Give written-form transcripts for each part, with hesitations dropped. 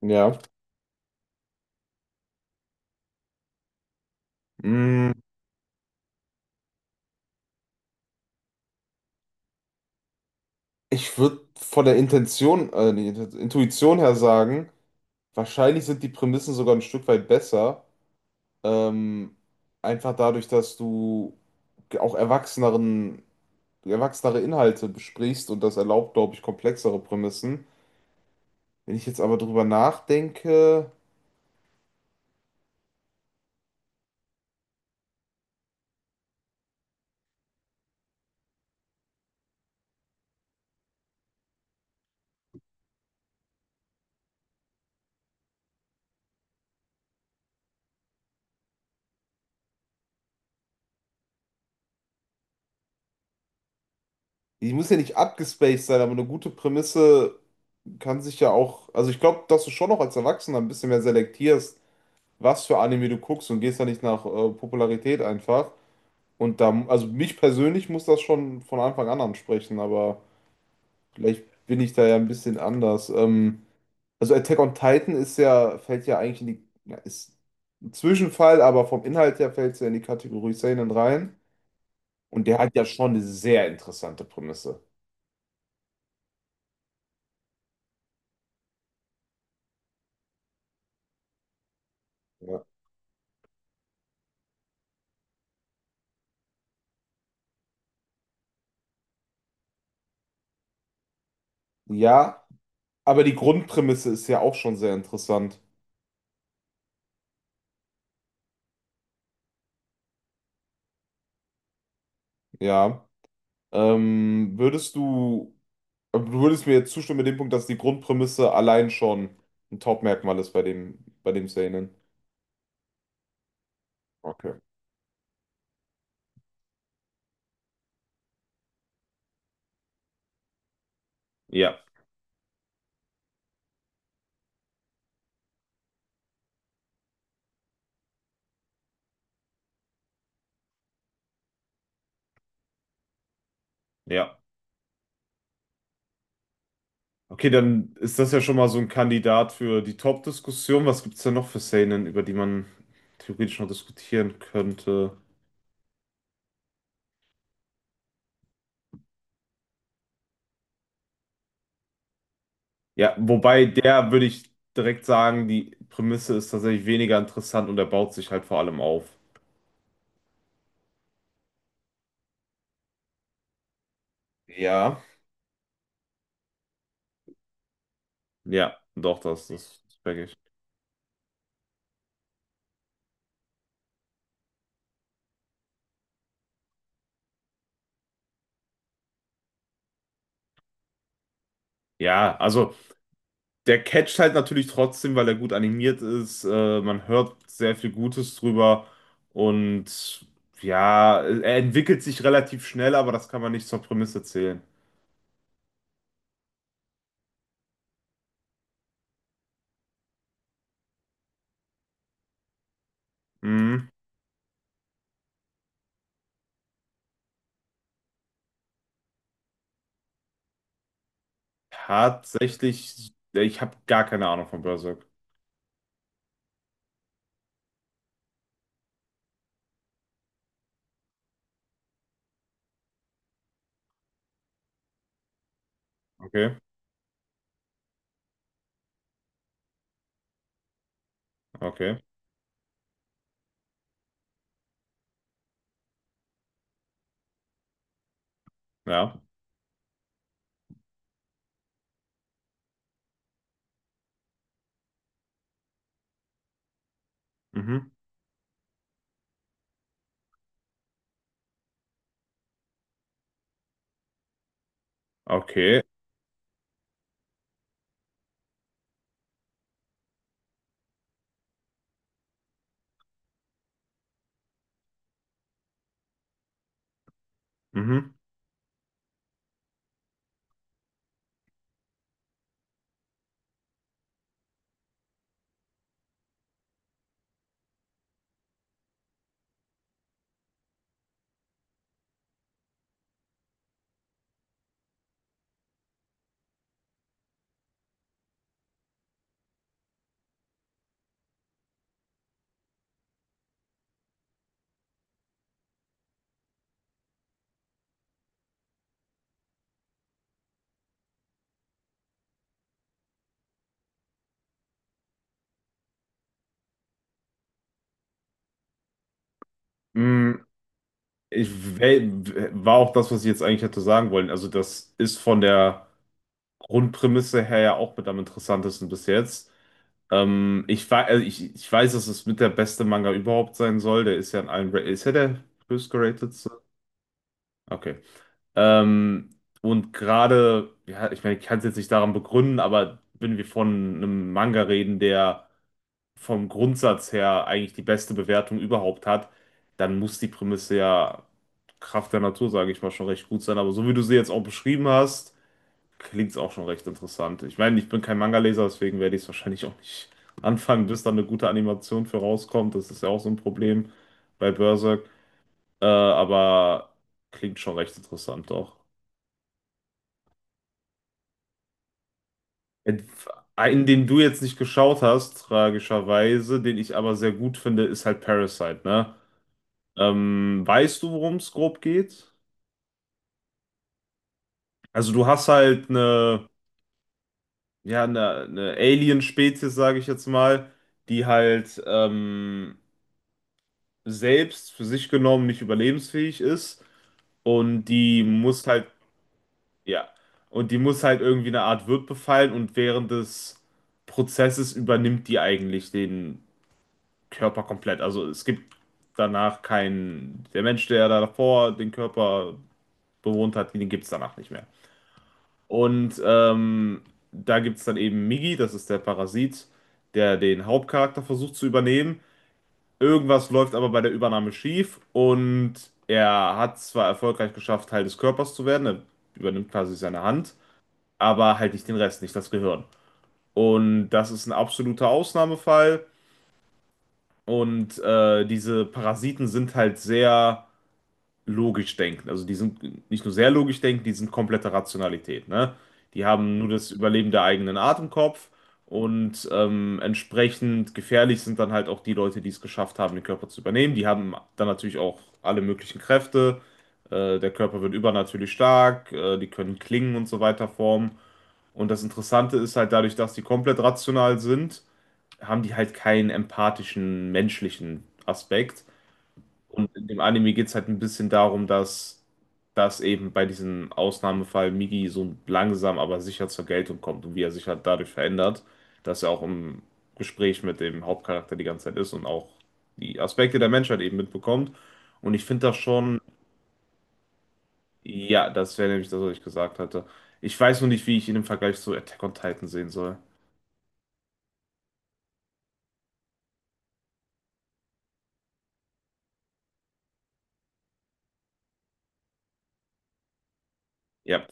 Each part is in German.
Ja. Mm, Ich würde von der Intention, Intuition her sagen, wahrscheinlich sind die Prämissen sogar ein Stück weit besser. Ähm, Einfach dadurch, dass du auch erwachsenere Inhalte besprichst und das erlaubt, glaube ich, komplexere Prämissen. Wenn ich jetzt aber drüber nachdenke, die muss ja nicht abgespaced sein, aber eine gute Prämisse kann sich ja auch, also ich glaube, dass du schon noch als Erwachsener ein bisschen mehr selektierst, was für Anime du guckst und gehst da nicht nach Popularität einfach. Und da, also mich persönlich muss das schon von Anfang an ansprechen, aber vielleicht bin ich da ja ein bisschen anders. Also Attack on Titan ist ja, fällt ja eigentlich in die, ja, ist ein Zwischenfall, aber vom Inhalt her fällt es ja in die Kategorie Seinen rein. Und der hat ja schon eine sehr interessante Prämisse. Ja, ja, aber die Grundprämisse ist ja auch schon sehr interessant. Ja. Ähm, würdest du, du würdest mir jetzt zustimmen mit dem Punkt, dass die Grundprämisse allein schon ein Top-Merkmal ist bei dem Seinen? Okay. Ja, ja. Okay, dann ist das ja schon mal so ein Kandidat für die Top-Diskussion. Was gibt es denn noch für Szenen, über die man theoretisch noch diskutieren könnte? Ja, wobei der würde ich direkt sagen, die Prämisse ist tatsächlich weniger interessant und er baut sich halt vor allem auf. Ja. Ja, doch, das check ich. Ja, also. Der catcht halt natürlich trotzdem, weil er gut animiert ist. Man hört sehr viel Gutes drüber. Und ja, er entwickelt sich relativ schnell, aber das kann man nicht zur Prämisse zählen. Hm. Tatsächlich, ich habe gar keine Ahnung von Berserk. Okay, okay, ja. Mhm. Okay, mhm. Hm, Ich wel- war auch das, was ich jetzt eigentlich hätte sagen wollen. Also, das ist von der Grundprämisse her ja auch mit am interessantesten bis jetzt. Also ich weiß, dass es mit der beste Manga überhaupt sein soll. Der ist ja in ist ja der höchstgeratedste. Okay. Ähm, und gerade, ja, ich meine, ich kann es jetzt nicht daran begründen, aber wenn wir von einem Manga reden, der vom Grundsatz her eigentlich die beste Bewertung überhaupt hat, dann muss die Prämisse ja Kraft der Natur, sage ich mal, schon recht gut sein. Aber so wie du sie jetzt auch beschrieben hast, klingt es auch schon recht interessant. Ich meine, ich bin kein Manga-Leser, deswegen werde ich es wahrscheinlich auch nicht anfangen, bis da eine gute Animation für rauskommt. Das ist ja auch so ein Problem bei Berserk. Aber klingt schon recht interessant auch. Einen, den du jetzt nicht geschaut hast, tragischerweise, den ich aber sehr gut finde, ist halt Parasite, ne? Weißt du, worum es grob geht? Also du hast halt ja, eine Alien-Spezies, sage ich jetzt mal, die halt selbst für sich genommen nicht überlebensfähig ist und die muss halt, ja, und die muss halt irgendwie eine Art Wirt befallen und während des Prozesses übernimmt die eigentlich den Körper komplett. Also es gibt danach keinen, der Mensch, der da davor den Körper bewohnt hat, den gibt es danach nicht mehr. Und da gibt es dann eben Migi, das ist der Parasit, der den Hauptcharakter versucht zu übernehmen. Irgendwas läuft aber bei der Übernahme schief und er hat zwar erfolgreich geschafft, Teil des Körpers zu werden, er übernimmt quasi seine Hand, aber halt nicht den Rest, nicht das Gehirn. Und das ist ein absoluter Ausnahmefall und diese Parasiten sind halt sehr logisch denken. Also die sind nicht nur sehr logisch denken, die sind komplette Rationalität, ne? Die haben nur das Überleben der eigenen Art im Kopf und entsprechend gefährlich sind dann halt auch die Leute, die es geschafft haben, den Körper zu übernehmen. Die haben dann natürlich auch alle möglichen Kräfte. Der Körper wird übernatürlich stark, die können Klingen und so weiter formen. Und das Interessante ist halt dadurch, dass die komplett rational sind, haben die halt keinen empathischen, menschlichen Aspekt. Und in dem Anime geht es halt ein bisschen darum, dass das eben bei diesem Ausnahmefall Migi so langsam, aber sicher zur Geltung kommt und wie er sich halt dadurch verändert, dass er auch im Gespräch mit dem Hauptcharakter die ganze Zeit ist und auch die Aspekte der Menschheit eben mitbekommt. Und ich finde das schon, ja, das wäre nämlich das, was ich gesagt hatte. Ich weiß nur nicht, wie ich ihn im Vergleich zu Attack on Titan sehen soll. Ja.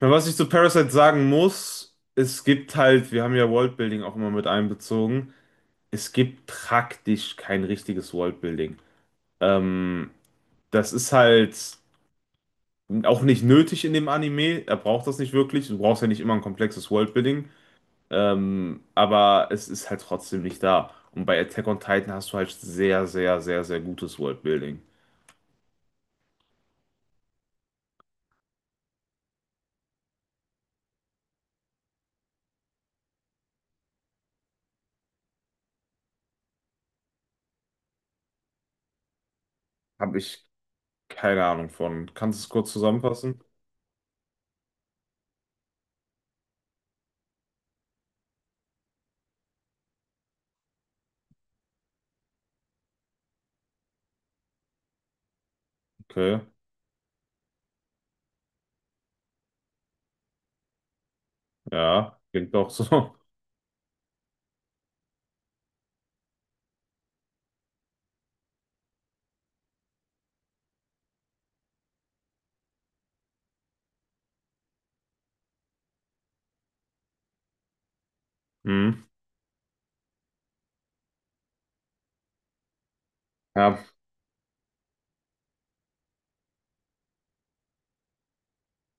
Aber was ich zu Parasite sagen muss, es gibt halt, wir haben ja Worldbuilding auch immer mit einbezogen. Es gibt praktisch kein richtiges Worldbuilding. Ähm, Das ist halt auch nicht nötig in dem Anime. Er braucht das nicht wirklich. Du brauchst ja nicht immer ein komplexes Worldbuilding. Aber es ist halt trotzdem nicht da. Und bei Attack on Titan hast du halt sehr, sehr, sehr, sehr gutes Worldbuilding. Habe ich keine Ahnung von. Kannst du es kurz zusammenfassen? Okay. Ja, klingt doch so. Hm. Ja,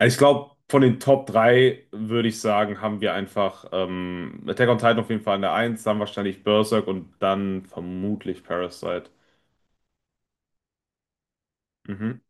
ich glaube, von den Top 3 würde ich sagen, haben wir einfach Attack on Titan auf jeden Fall in der Eins, dann wahrscheinlich Berserk und dann vermutlich Parasite. Mhm.